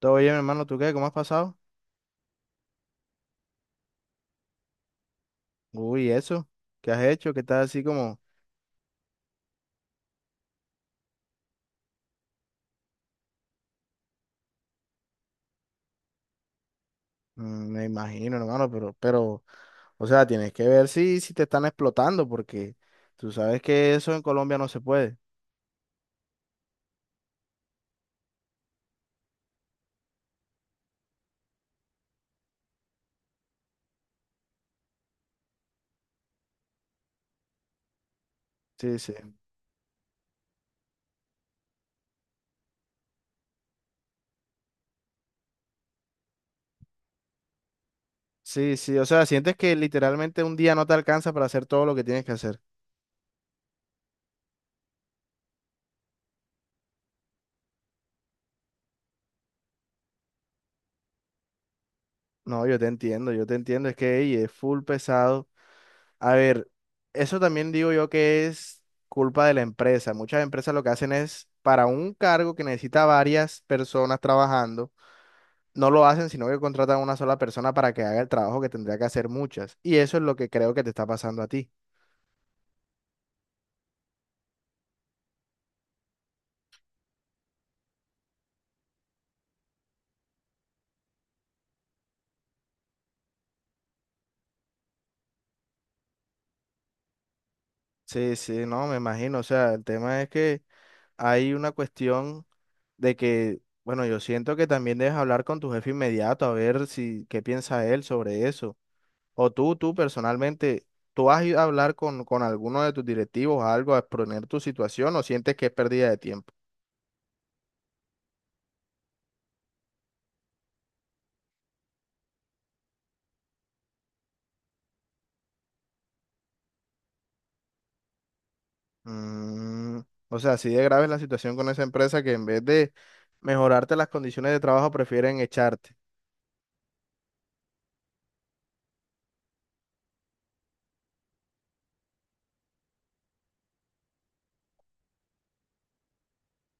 Todo bien, hermano, ¿tú qué? ¿Cómo has pasado? Uy, eso. ¿Qué has hecho? ¿Qué estás así como? Me imagino, hermano, pero, o sea, tienes que ver si te están explotando, porque tú sabes que eso en Colombia no se puede. Sí, sí. Sí, sí, o sea, sientes que literalmente un día no te alcanza para hacer todo lo que tienes que hacer. No, yo te entiendo, es que ey, es full pesado. A ver, eso también digo yo que es culpa de la empresa. Muchas empresas lo que hacen es para un cargo que necesita varias personas trabajando no lo hacen, sino que contratan a una sola persona para que haga el trabajo que tendría que hacer muchas. Y eso es lo que creo que te está pasando a ti. Sí, sí, no, me imagino. O sea, el tema es que hay una cuestión de que, bueno, yo siento que también debes hablar con tu jefe inmediato a ver si qué piensa él sobre eso. O tú personalmente, ¿tú has ido a hablar con alguno de tus directivos, algo, a exponer tu situación o sientes que es pérdida de tiempo? Mm, o sea, así de grave es la situación con esa empresa que en vez de mejorarte las condiciones de trabajo prefieren echarte.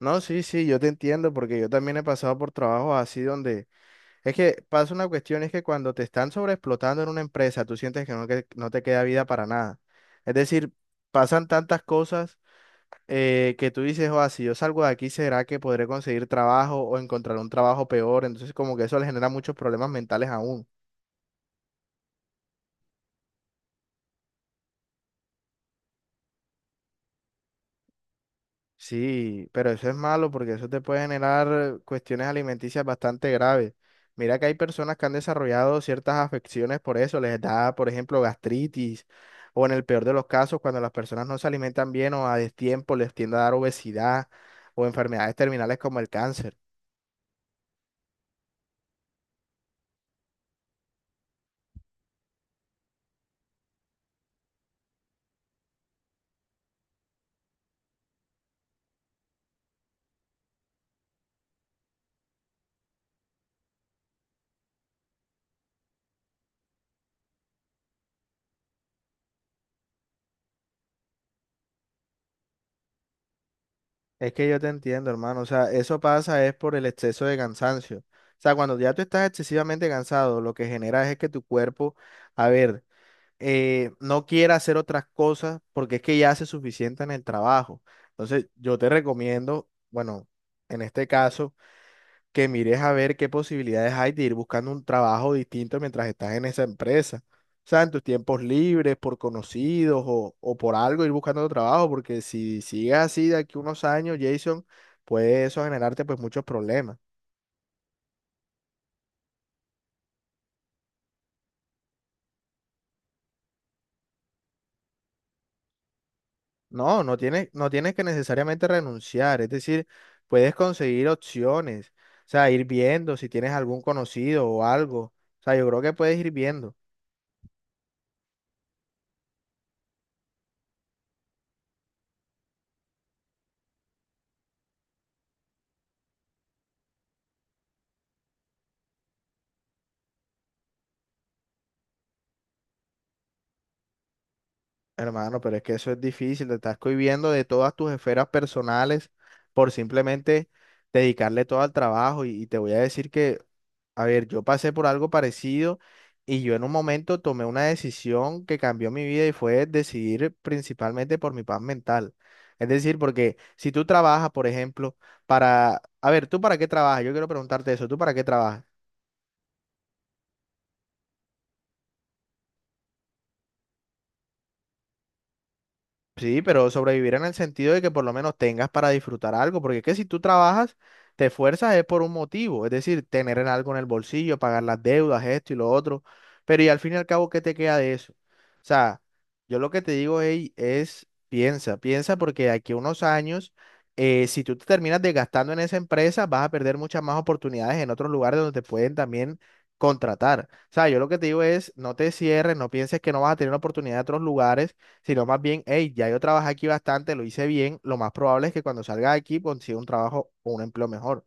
No, sí, sí, yo te entiendo porque yo también he pasado por trabajos así donde es que pasa una cuestión, es que cuando te están sobreexplotando en una empresa, tú sientes que no te queda vida para nada. Es decir, pasan tantas cosas que tú dices, o si yo salgo de aquí, ¿será que podré conseguir trabajo o encontrar un trabajo peor? Entonces como que eso le genera muchos problemas mentales aún. Sí, pero eso es malo porque eso te puede generar cuestiones alimenticias bastante graves. Mira que hay personas que han desarrollado ciertas afecciones por eso, les da, por ejemplo, gastritis o en el peor de los casos, cuando las personas no se alimentan bien o a destiempo, les tiende a dar obesidad o enfermedades terminales como el cáncer. Es que yo te entiendo, hermano, o sea, eso pasa es por el exceso de cansancio. O sea, cuando ya tú estás excesivamente cansado, lo que genera es que tu cuerpo, a ver, no quiera hacer otras cosas porque es que ya hace suficiente en el trabajo. Entonces, yo te recomiendo, bueno, en este caso, que mires a ver qué posibilidades hay de ir buscando un trabajo distinto mientras estás en esa empresa. O sea, en tus tiempos libres, por conocidos o por algo, ir buscando otro trabajo, porque si sigues así de aquí unos años, Jason, puede eso generarte pues muchos problemas. No, no tienes que necesariamente renunciar, es decir, puedes conseguir opciones, o sea, ir viendo si tienes algún conocido o algo, o sea, yo creo que puedes ir viendo, hermano, pero es que eso es difícil, te estás cohibiendo de todas tus esferas personales por simplemente dedicarle todo al trabajo y te voy a decir que a ver, yo pasé por algo parecido y yo en un momento tomé una decisión que cambió mi vida y fue decidir principalmente por mi paz mental. Es decir, porque si tú trabajas, por ejemplo, para... A ver, ¿tú para qué trabajas? Yo quiero preguntarte eso. ¿Tú para qué trabajas? Sí, pero sobrevivir en el sentido de que por lo menos tengas para disfrutar algo, porque es que si tú trabajas, te esfuerzas es por un motivo, es decir, tener en algo en el bolsillo, pagar las deudas, esto y lo otro, pero y al fin y al cabo, ¿qué te queda de eso? O sea, yo lo que te digo ey, es, piensa porque de aquí a unos años, si tú te terminas desgastando en esa empresa, vas a perder muchas más oportunidades en otros lugares donde te pueden también contratar. O sea, yo lo que te digo es, no te cierres, no pienses que no vas a tener oportunidad en otros lugares sino más bien, hey, ya yo trabajé aquí bastante, lo hice bien, lo más probable es que cuando salga de aquí consiga un trabajo o un empleo mejor.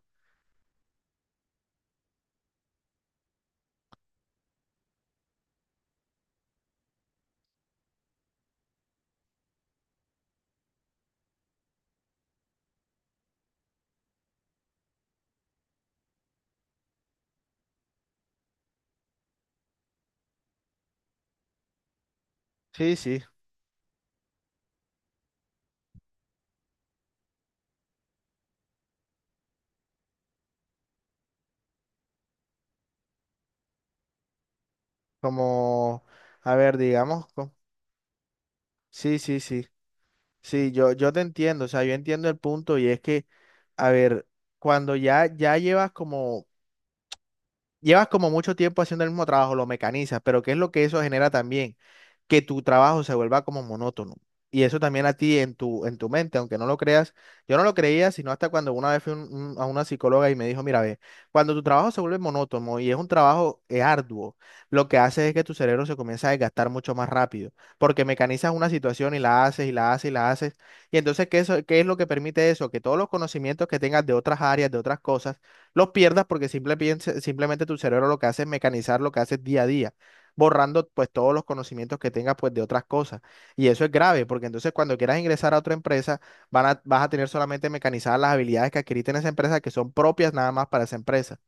Sí, sí, como, a ver, digamos, sí, sí, sí, sí, yo te entiendo, o sea, yo entiendo el punto y es que, a ver, cuando ya, ya llevas como mucho tiempo haciendo el mismo trabajo, lo mecanizas, pero ¿qué es lo que eso genera también? Que tu trabajo se vuelva como monótono. Y eso también a ti en tu mente, aunque no lo creas, yo no lo creía, sino hasta cuando una vez fui a una psicóloga y me dijo, mira, ve, cuando tu trabajo se vuelve monótono y es un trabajo arduo, lo que hace es que tu cerebro se comienza a desgastar mucho más rápido, porque mecanizas una situación y la haces y la haces y la haces. Y entonces, ¿qué, qué es lo que permite eso? Que todos los conocimientos que tengas de otras áreas, de otras cosas, los pierdas porque simplemente tu cerebro lo que hace es mecanizar lo que haces día a día, borrando pues todos los conocimientos que tengas pues de otras cosas. Y eso es grave porque entonces cuando quieras ingresar a otra empresa vas a tener solamente mecanizadas las habilidades que adquiriste en esa empresa que son propias nada más para esa empresa.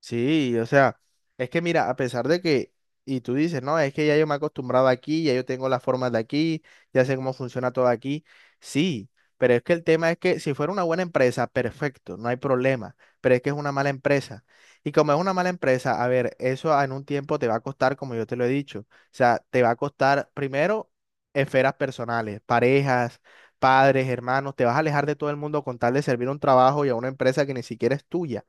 Sí, o sea, es que mira, a pesar de que, y tú dices, no, es que ya yo me he acostumbrado aquí, ya yo tengo las formas de aquí, ya sé cómo funciona todo aquí, sí, pero es que el tema es que si fuera una buena empresa, perfecto, no hay problema, pero es que es una mala empresa. Y como es una mala empresa, a ver, eso en un tiempo te va a costar, como yo te lo he dicho, o sea, te va a costar primero esferas personales, parejas, padres, hermanos, te vas a alejar de todo el mundo con tal de servir un trabajo y a una empresa que ni siquiera es tuya.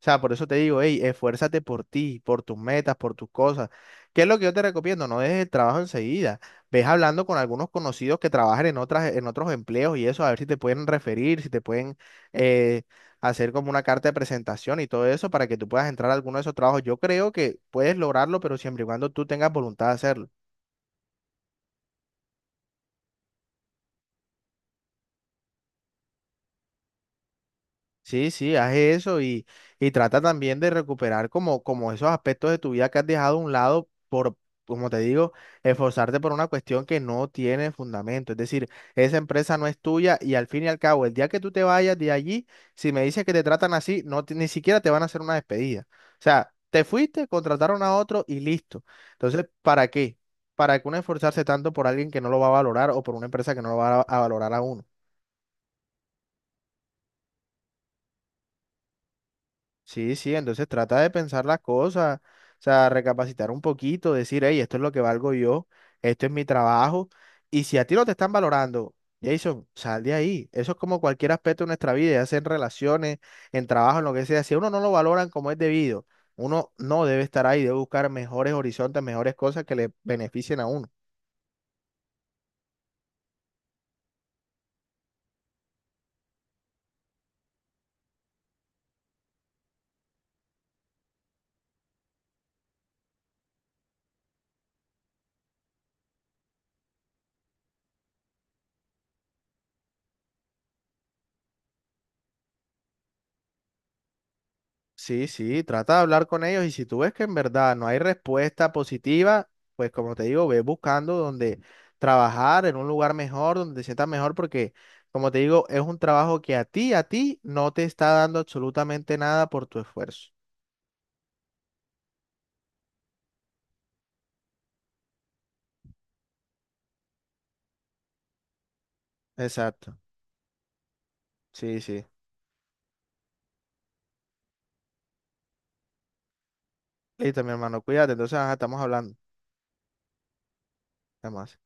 O sea, por eso te digo, hey, esfuérzate por ti, por tus metas, por tus cosas. ¿Qué es lo que yo te recomiendo? No dejes el trabajo enseguida. Ves hablando con algunos conocidos que trabajan en otros empleos y eso, a ver si te pueden referir, si te pueden eh, hacer como una carta de presentación y todo eso para que tú puedas entrar a alguno de esos trabajos. Yo creo que puedes lograrlo, pero siempre y cuando tú tengas voluntad de hacerlo. Sí, sí, haz eso y trata también de recuperar como, como esos aspectos de tu vida que has dejado a un lado por, como te digo, esforzarte por una cuestión que no tiene fundamento. Es decir, esa empresa no es tuya y al fin y al cabo, el día que tú te vayas de allí, si me dices que te tratan así, no, ni siquiera te van a hacer una despedida. O sea, te fuiste, contrataron a otro y listo. Entonces, ¿para qué? ¿Para qué uno esforzarse tanto por alguien que no lo va a valorar o por una empresa que no lo va a valorar a uno? Sí, sí, entonces trata de pensar las cosas, o sea, recapacitar un poquito, decir, hey, esto es lo que valgo yo, esto es mi trabajo, y si a ti no te están valorando, Jason, sal de ahí. Eso es como cualquier aspecto de nuestra vida, ya sea en relaciones, en trabajo, en lo que sea. Si a uno no lo valoran como es debido, uno no debe estar ahí, debe buscar mejores horizontes, mejores cosas que le beneficien a uno. Sí, sí, trata de hablar con ellos y si tú ves que en verdad no hay respuesta positiva, pues como te digo, ve buscando donde trabajar en un lugar mejor, donde te sientas mejor, porque como te digo, es un trabajo que a ti no te está dando absolutamente nada por tu esfuerzo. Exacto. Sí, sí. Listo, mi hermano, cuídate. Entonces, ajá, estamos hablando. Además.